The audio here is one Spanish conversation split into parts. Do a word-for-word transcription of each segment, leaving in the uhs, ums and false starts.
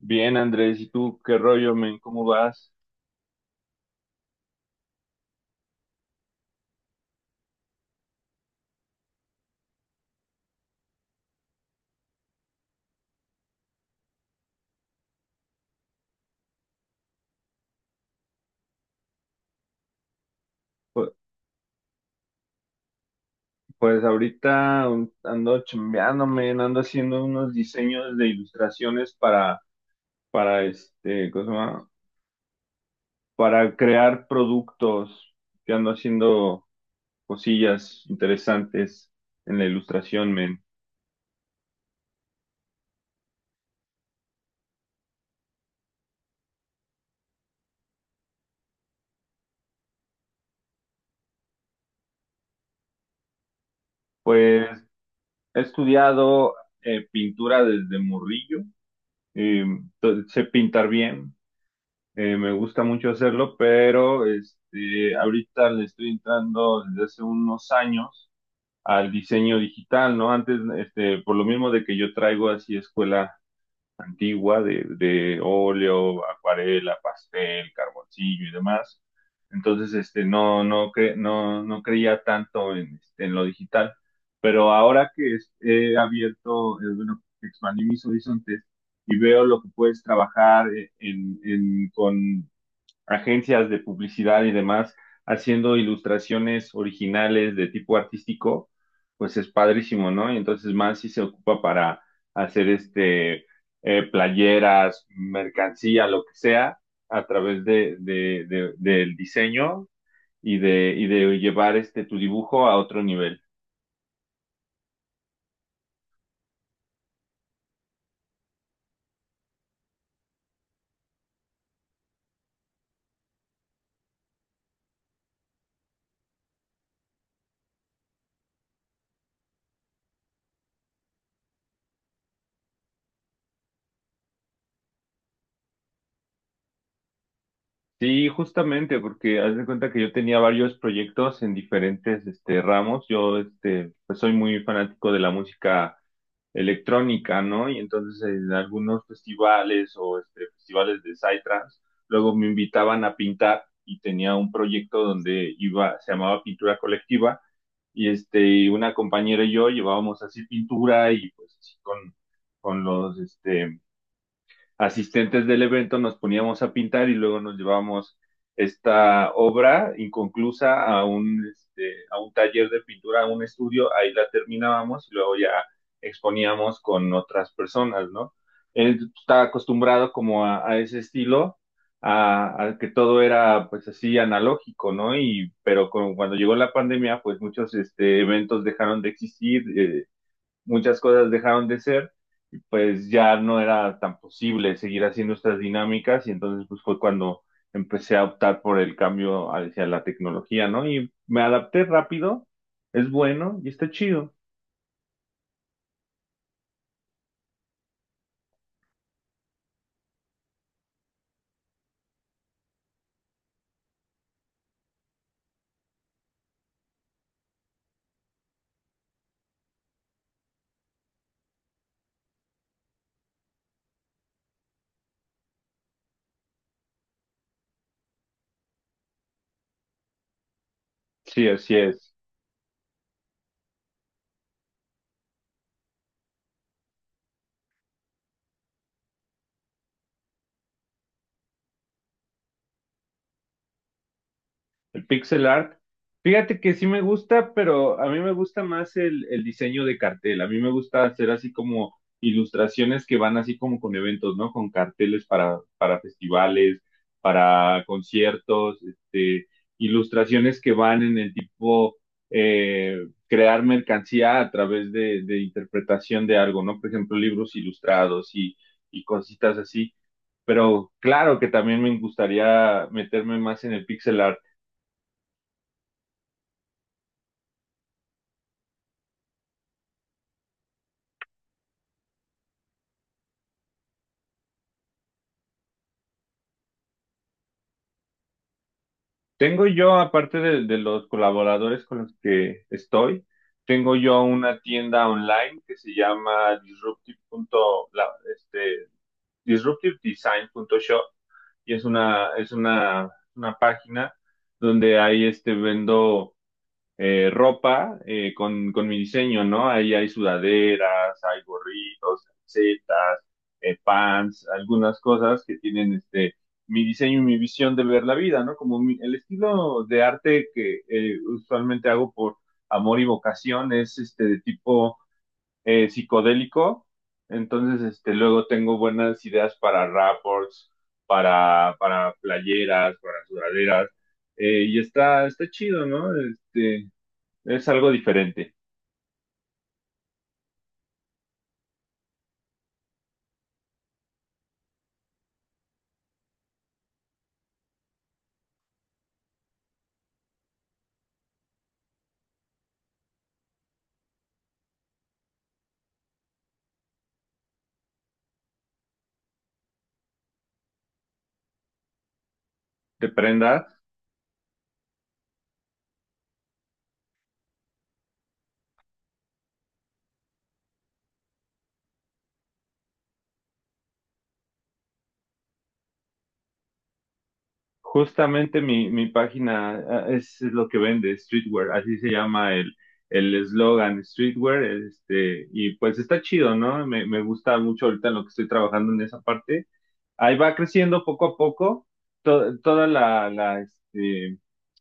Bien, Andrés, ¿y tú qué rollo, men? ¿Cómo vas? Pu- Pues ahorita un- ando chambeando, men, ando haciendo unos diseños de ilustraciones para, para este, ¿cómo se llama? Para crear productos, que ando haciendo cosillas interesantes en la ilustración, men. Pues he estudiado eh, pintura desde morrillo. eh, to- Sé pintar bien. Eh, me gusta mucho hacerlo, pero este, ahorita le estoy entrando desde hace unos años al diseño digital, ¿no? Antes, este, por lo mismo de que yo traigo así escuela antigua de, de óleo, acuarela, pastel, carboncillo y demás. Entonces, este, no, no, cre- no, no creía tanto en, este, en lo digital, pero ahora que es- he abierto, eh, bueno, expandí mis horizontes y veo lo que puedes trabajar eh, en, en- con agencias de publicidad y demás haciendo ilustraciones originales de tipo artístico. Pues es padrísimo, ¿no? Y entonces más si se ocupa para hacer este eh, playeras, mercancía, lo que sea, a través de, de- de- del diseño y de, y de llevar este tu dibujo a otro nivel. Sí, justamente, porque haz de cuenta que yo tenía varios proyectos en diferentes este, ramos. Yo este, pues soy muy fanático de la música electrónica, ¿no? Y entonces en algunos festivales o este, festivales de Psytrance, luego me invitaban a pintar y tenía un proyecto donde iba, se llamaba Pintura Colectiva, y este, una compañera y yo llevábamos así pintura y pues así con, con los, este, asistentes del evento nos poníamos a pintar y luego nos llevábamos esta obra inconclusa a un, este, a un taller de pintura, a un estudio, ahí la terminábamos y luego ya exponíamos con otras personas, ¿no? Él estaba acostumbrado como a, a ese estilo, a, a, que todo era pues así analógico, ¿no? Y pero con, cuando llegó la pandemia, pues muchos este, eventos dejaron de existir, eh, muchas cosas dejaron de ser, y pues ya no era tan posible seguir haciendo estas dinámicas y entonces pues fue cuando empecé a optar por el cambio hacia la tecnología, ¿no? Y me adapté rápido, es bueno y está chido. Sí, así es. El pixel art. Fíjate que sí me gusta, pero a mí me gusta más el, el diseño de cartel. A mí me gusta hacer así como ilustraciones que van así como con eventos, ¿no? Con carteles para, para festivales, para conciertos, este, ilustraciones que van en el tipo eh, crear mercancía a través de, de interpretación de algo, ¿no? Por ejemplo, libros ilustrados y, y cositas así. Pero claro que también me gustaría meterme más en el pixel art. Tengo yo, aparte de, de los colaboradores con los que estoy, tengo yo una tienda online que se llama disruptive. punto- la- este, disruptivedesign.shop, y es una, es una, una página donde ahí este, vendo eh, ropa eh, con, con mi diseño, ¿no? Ahí hay sudaderas, hay gorritos, camisetas, eh, pants, algunas cosas que tienen este mi diseño y mi visión de ver la vida, ¿no? Como mi- el estilo de arte que eh, usualmente hago por amor y vocación es este de tipo eh, psicodélico. Entonces, este, luego tengo buenas ideas para rapports, para, para playeras, para sudaderas. Eh, y está, está chido, ¿no? Este, es algo diferente. De prenda, justamente mi, mi página ah, es lo que vende, streetwear, así se llama el el eslogan streetwear, este, y pues está chido, ¿no? Me, me gusta mucho ahorita en lo que estoy trabajando en esa parte. Ahí va creciendo poco a poco to- toda la, la, este,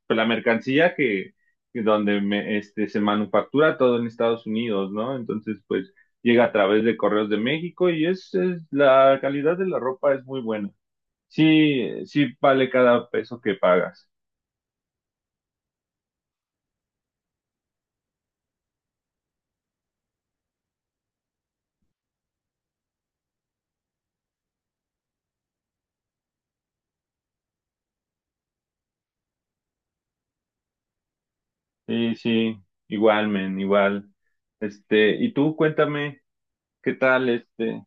pues, la mercancía que, que donde me, este, se manufactura todo en Estados Unidos, ¿no? Entonces, pues llega a través de correos de México y es, es- la calidad de la ropa es muy buena. Sí, sí vale cada peso que pagas. Sí, sí, igual, men, igual. Este, y tú cuéntame, ¿qué tal este?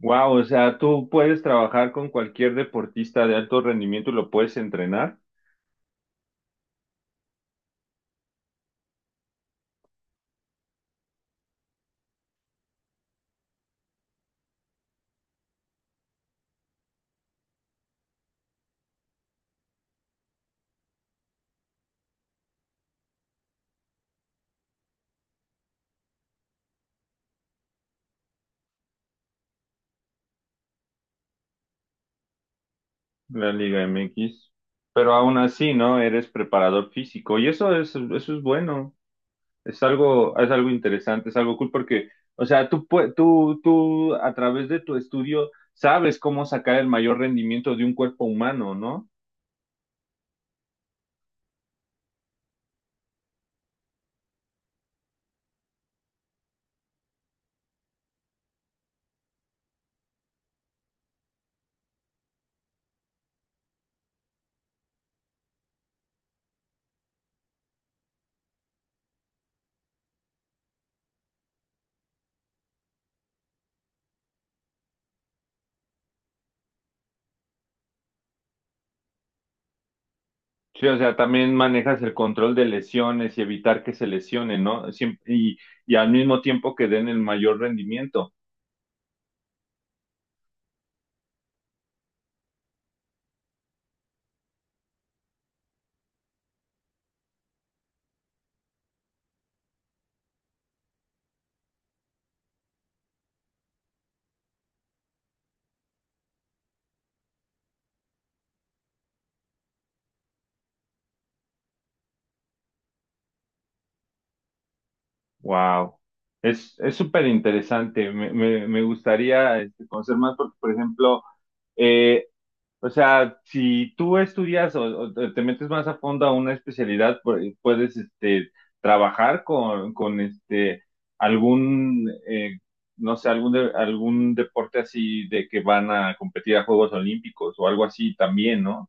Wow, o sea, tú puedes trabajar con cualquier deportista de alto rendimiento y lo puedes entrenar. La Liga M X, pero aún así, ¿no? Eres preparador físico y eso es, eso es bueno. Es algo, es algo interesante, es algo cool porque, o sea, tú, pue- tú, tú a través de tu estudio sabes cómo sacar el mayor rendimiento de un cuerpo humano, ¿no? Sí, o sea, también manejas el control de lesiones y evitar que se lesionen, ¿no? Siem- y, y al mismo tiempo que den el mayor rendimiento. Wow. Es, es súper interesante. Me, me, me gustaría este, conocer más porque, por ejemplo, eh, o sea, si tú estudias o, o te te metes más a fondo a una especialidad, pu- puedes este, trabajar con, con este, algún, eh, no sé, algún, de- algún deporte así de que van a competir a Juegos Olímpicos o algo así también, ¿no?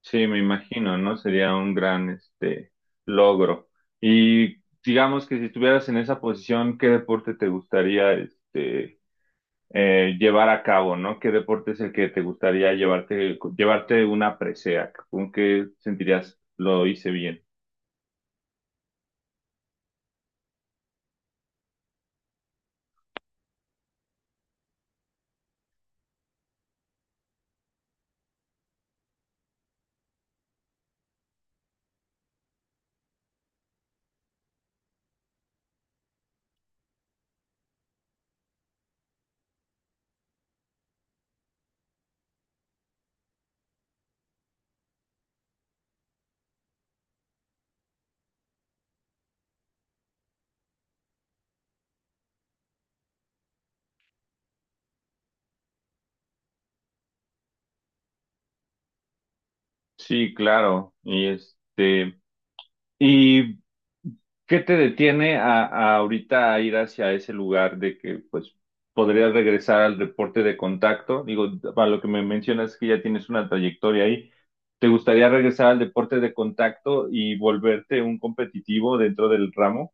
Sí, me imagino, ¿no? Sería un gran este, logro. Y digamos que si estuvieras en esa posición, ¿qué deporte te gustaría este, eh, llevar a cabo, ¿no? ¿Qué deporte es el que te gustaría llevarte, llevarte una presea? ¿Con qué sentirías lo hice bien? Sí, claro. Y este, ¿y qué te detiene a, a ahorita a ir hacia ese lugar de que pues podrías regresar al deporte de contacto? Digo, para lo que me mencionas que ya tienes una trayectoria ahí. ¿Te gustaría regresar al deporte de contacto y volverte un competitivo dentro del ramo?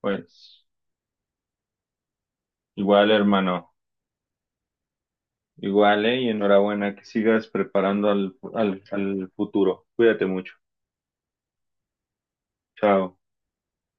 Pues igual, hermano. Igual, ¿eh? Y enhorabuena, que sigas preparando al, al, al futuro. Cuídate mucho. Chao.